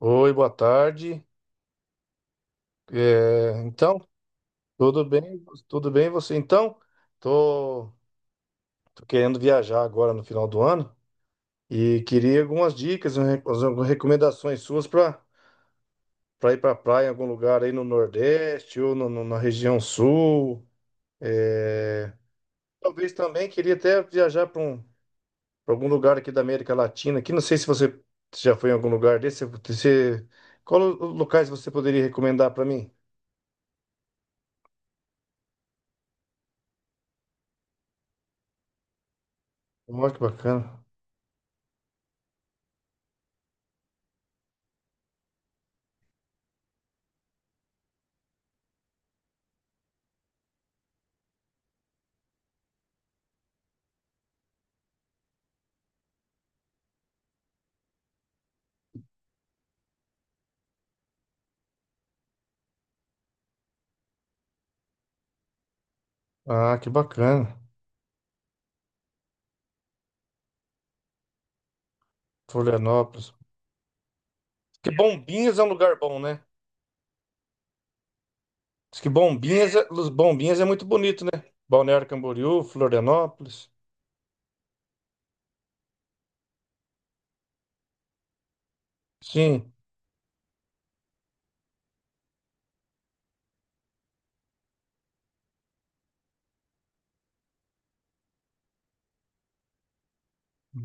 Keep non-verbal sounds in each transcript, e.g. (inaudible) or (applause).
Oi, boa tarde. É, então, tudo bem? Tudo bem você? Tô, tô querendo viajar agora no final do ano e queria algumas dicas, algumas recomendações suas para ir para praia em algum lugar aí no Nordeste ou na região Sul. É, talvez também queria até viajar pra algum lugar aqui da América Latina. Aqui não sei se você já foi em algum lugar desse. Qual os locais você poderia recomendar para mim? Olha que bacana. Ah, que bacana. Florianópolis. Que Bombinhas é um lugar bom, né? Diz que Bombinhas é, Bombinhas é muito bonito, né? Balneário Camboriú, Florianópolis. Sim.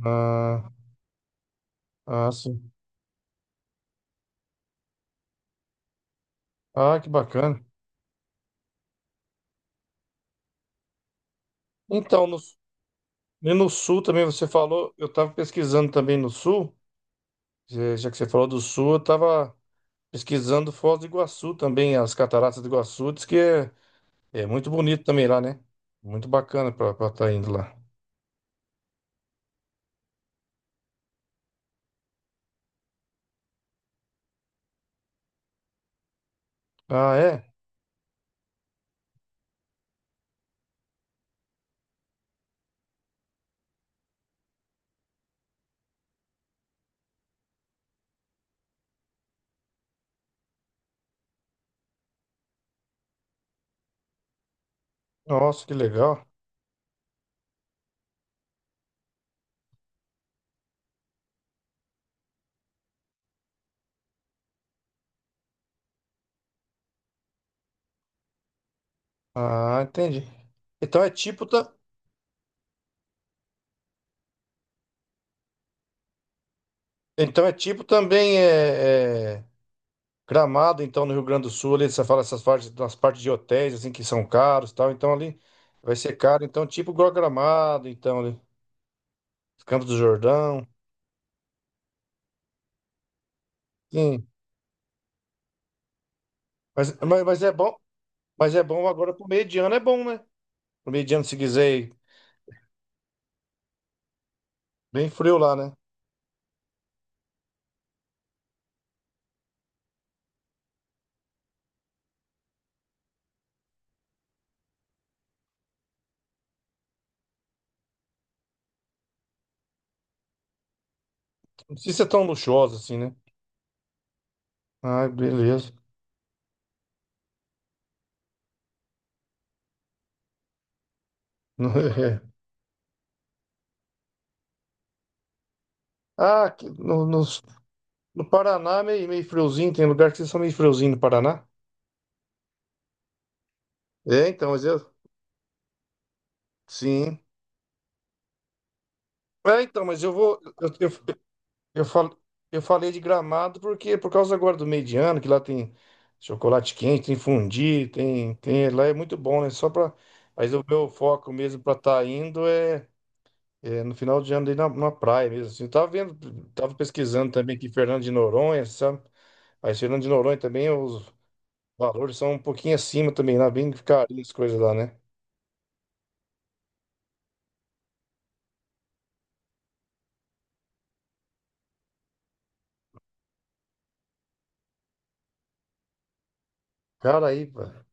Ah, ah, sim. Ah, que bacana. Então, no, e no sul também você falou, eu estava pesquisando também no sul, já que você falou do sul, eu estava pesquisando Foz do Iguaçu também, as cataratas do Iguaçu, diz que é muito bonito também lá, né? Muito bacana para estar indo lá. Ah, é? Nossa, que legal. Ah, entendi. Então é tipo, ta- então é tipo Gramado, então no Rio Grande do Sul, ali você fala essas partes, das partes de hotéis assim que são caros, e tal. Então ali vai ser caro, então tipo igual Gramado, então ali, Campos do Jordão. Sim. Mas é bom, mas é bom agora pro meio de ano é bom, né? Pro meio de ano se quiser ir bem frio lá, né? Não precisa ser tão luxuoso assim, né? Ah, beleza. (laughs) Ah, aqui no, nos- no Paraná meio friozinho, tem lugar que vocês são meio friozinho no Paraná? É, então, mas eu. Sim. É, então, mas eu vou. Eu, fal- eu falei de Gramado porque por causa agora do meio de ano, que lá tem chocolate quente, tem fondue, tem. Lá é muito bom, né? Só pra. Mas o meu foco mesmo pra estar indo é no final de ano ali na praia mesmo. Assim. Eu tava vendo, tava pesquisando também aqui Fernando de Noronha, sabe? Mas Fernando de Noronha também, os valores são um pouquinho acima também, lá bem carinho as coisas lá, né? Cara, aí, pá.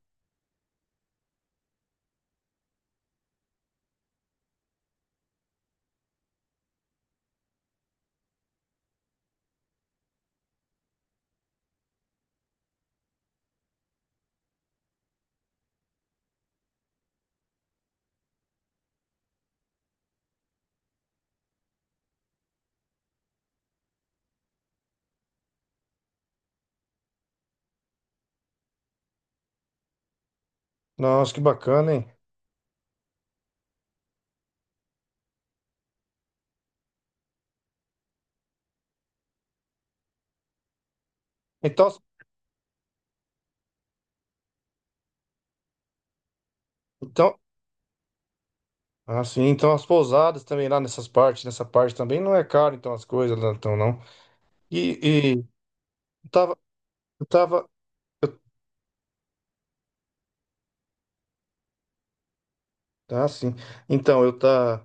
Nossa, que bacana, hein? Então, então. Ah, sim. Então as pousadas também lá nessas partes, nessa parte também não é caro, então as coisas lá, então não. E eu tava, eu tava, ah, sim. Então eu tá,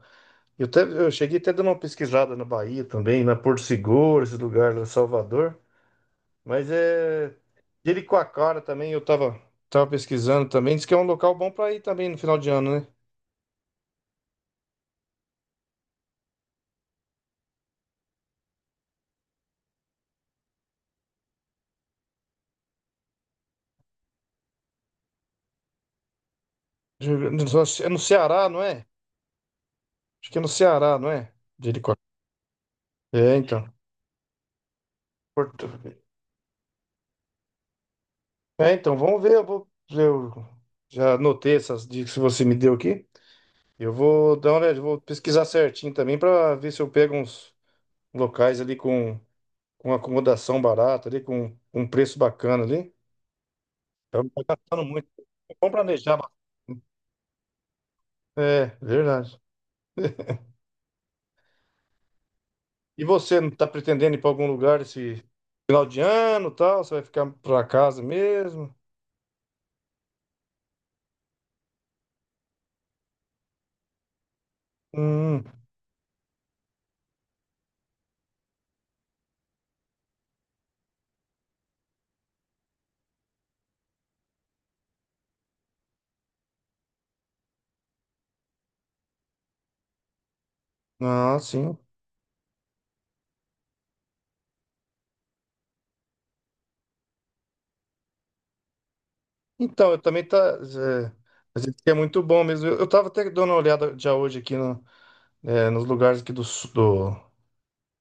eu cheguei até dando uma pesquisada na Bahia também, na Porto Seguro, esse lugar lá, Salvador. Mas é Jericoacoara também eu tava, tava pesquisando também. Diz que é um local bom para ir também no final de ano, né? É no Ceará, não é? Acho que é no Ceará, não é? Jericoacoara. É, então. Porto. É, então vamos ver. Eu já anotei essas dicas que você me deu aqui. Eu vou dar uma olhada, eu vou pesquisar certinho também para ver se eu pego uns locais ali com acomodação barata, ali com um preço bacana ali. Eu não tô gastando muito. Vamos planejar. mas- É, verdade. E você não está pretendendo ir para algum lugar esse final de ano, tal? Você vai ficar para casa mesmo? Hum, ah, sim. Então, eu também tá. É, mas isso aqui é muito bom mesmo. Eu tava até dando uma olhada já hoje aqui no nos lugares aqui do, su- do,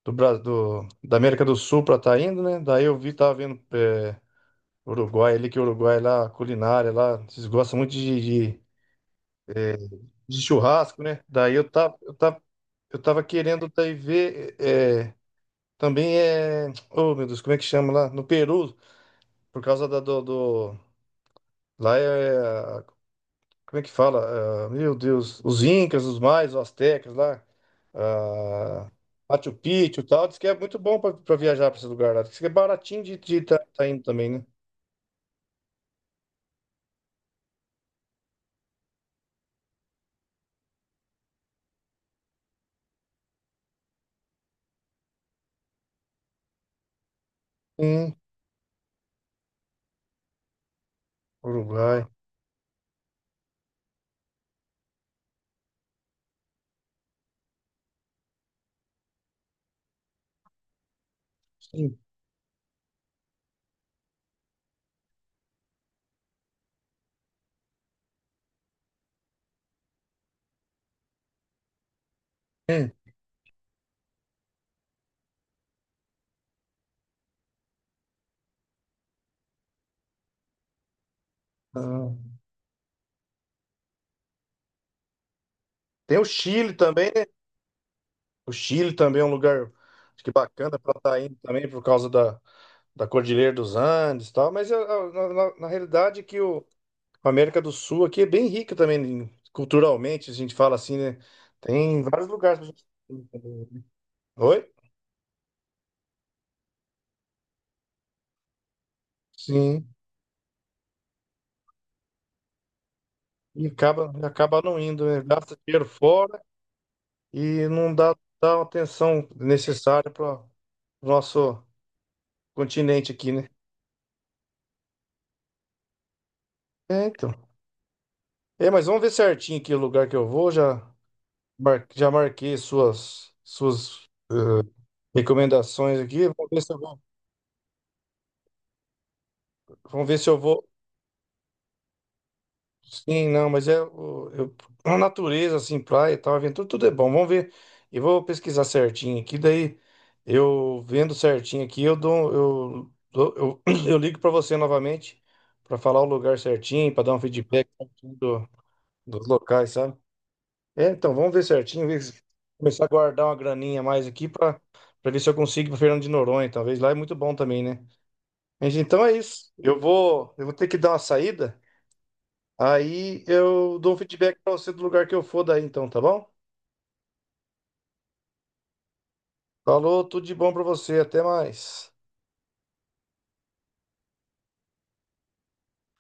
do, Bra- do- da América do Sul para tá indo, né? Daí eu vi, tava vendo Uruguai ali, que o Uruguai lá, a culinária lá, vocês gostam muito é, de churrasco, né? Daí eu tava querendo daí ver também é. Oh, meu Deus, como é que chama lá? No Peru, por causa Lá é Como é que fala? Ah, meu Deus, os Incas, os Maias, os Astecas lá, ah, Machu Picchu e tal, diz que é muito bom para viajar para esse lugar lá. Diz que é baratinho de estar indo também, né? Sim, Uruguai. Sim. Hum. Ah, Tem o Chile também, né? O Chile também é um lugar acho que bacana para estar indo também por causa da Cordilheira dos Andes e tal, mas na realidade é que o, A América do Sul aqui é bem rica também, culturalmente, a gente fala assim, né? Tem vários lugares. Pra gente ir também. Oi? Sim. E acaba não indo, né? Gasta dinheiro fora e não dá a atenção necessária para o nosso continente aqui, né? É, então. É, mas vamos ver certinho aqui o lugar que eu vou. Já, já marquei suas recomendações aqui. Vamos ver se eu vou Sim, não, mas é a natureza, assim, praia e tal, aventura, tudo é bom. Vamos ver. Eu vou pesquisar certinho aqui, daí eu vendo certinho aqui, (clears throat) eu ligo para você novamente para falar o lugar certinho, para dar um feedback certinho dos locais, sabe? É, então vamos ver certinho, ver se- começar a guardar uma graninha a mais aqui para ver se eu consigo ir para Fernando de Noronha, talvez lá é muito bom também, né? Mas então é isso. Eu vou ter que dar uma saída. Aí eu dou um feedback pra você do lugar que eu for daí, então, tá bom? Falou, tudo de bom pra você, até mais.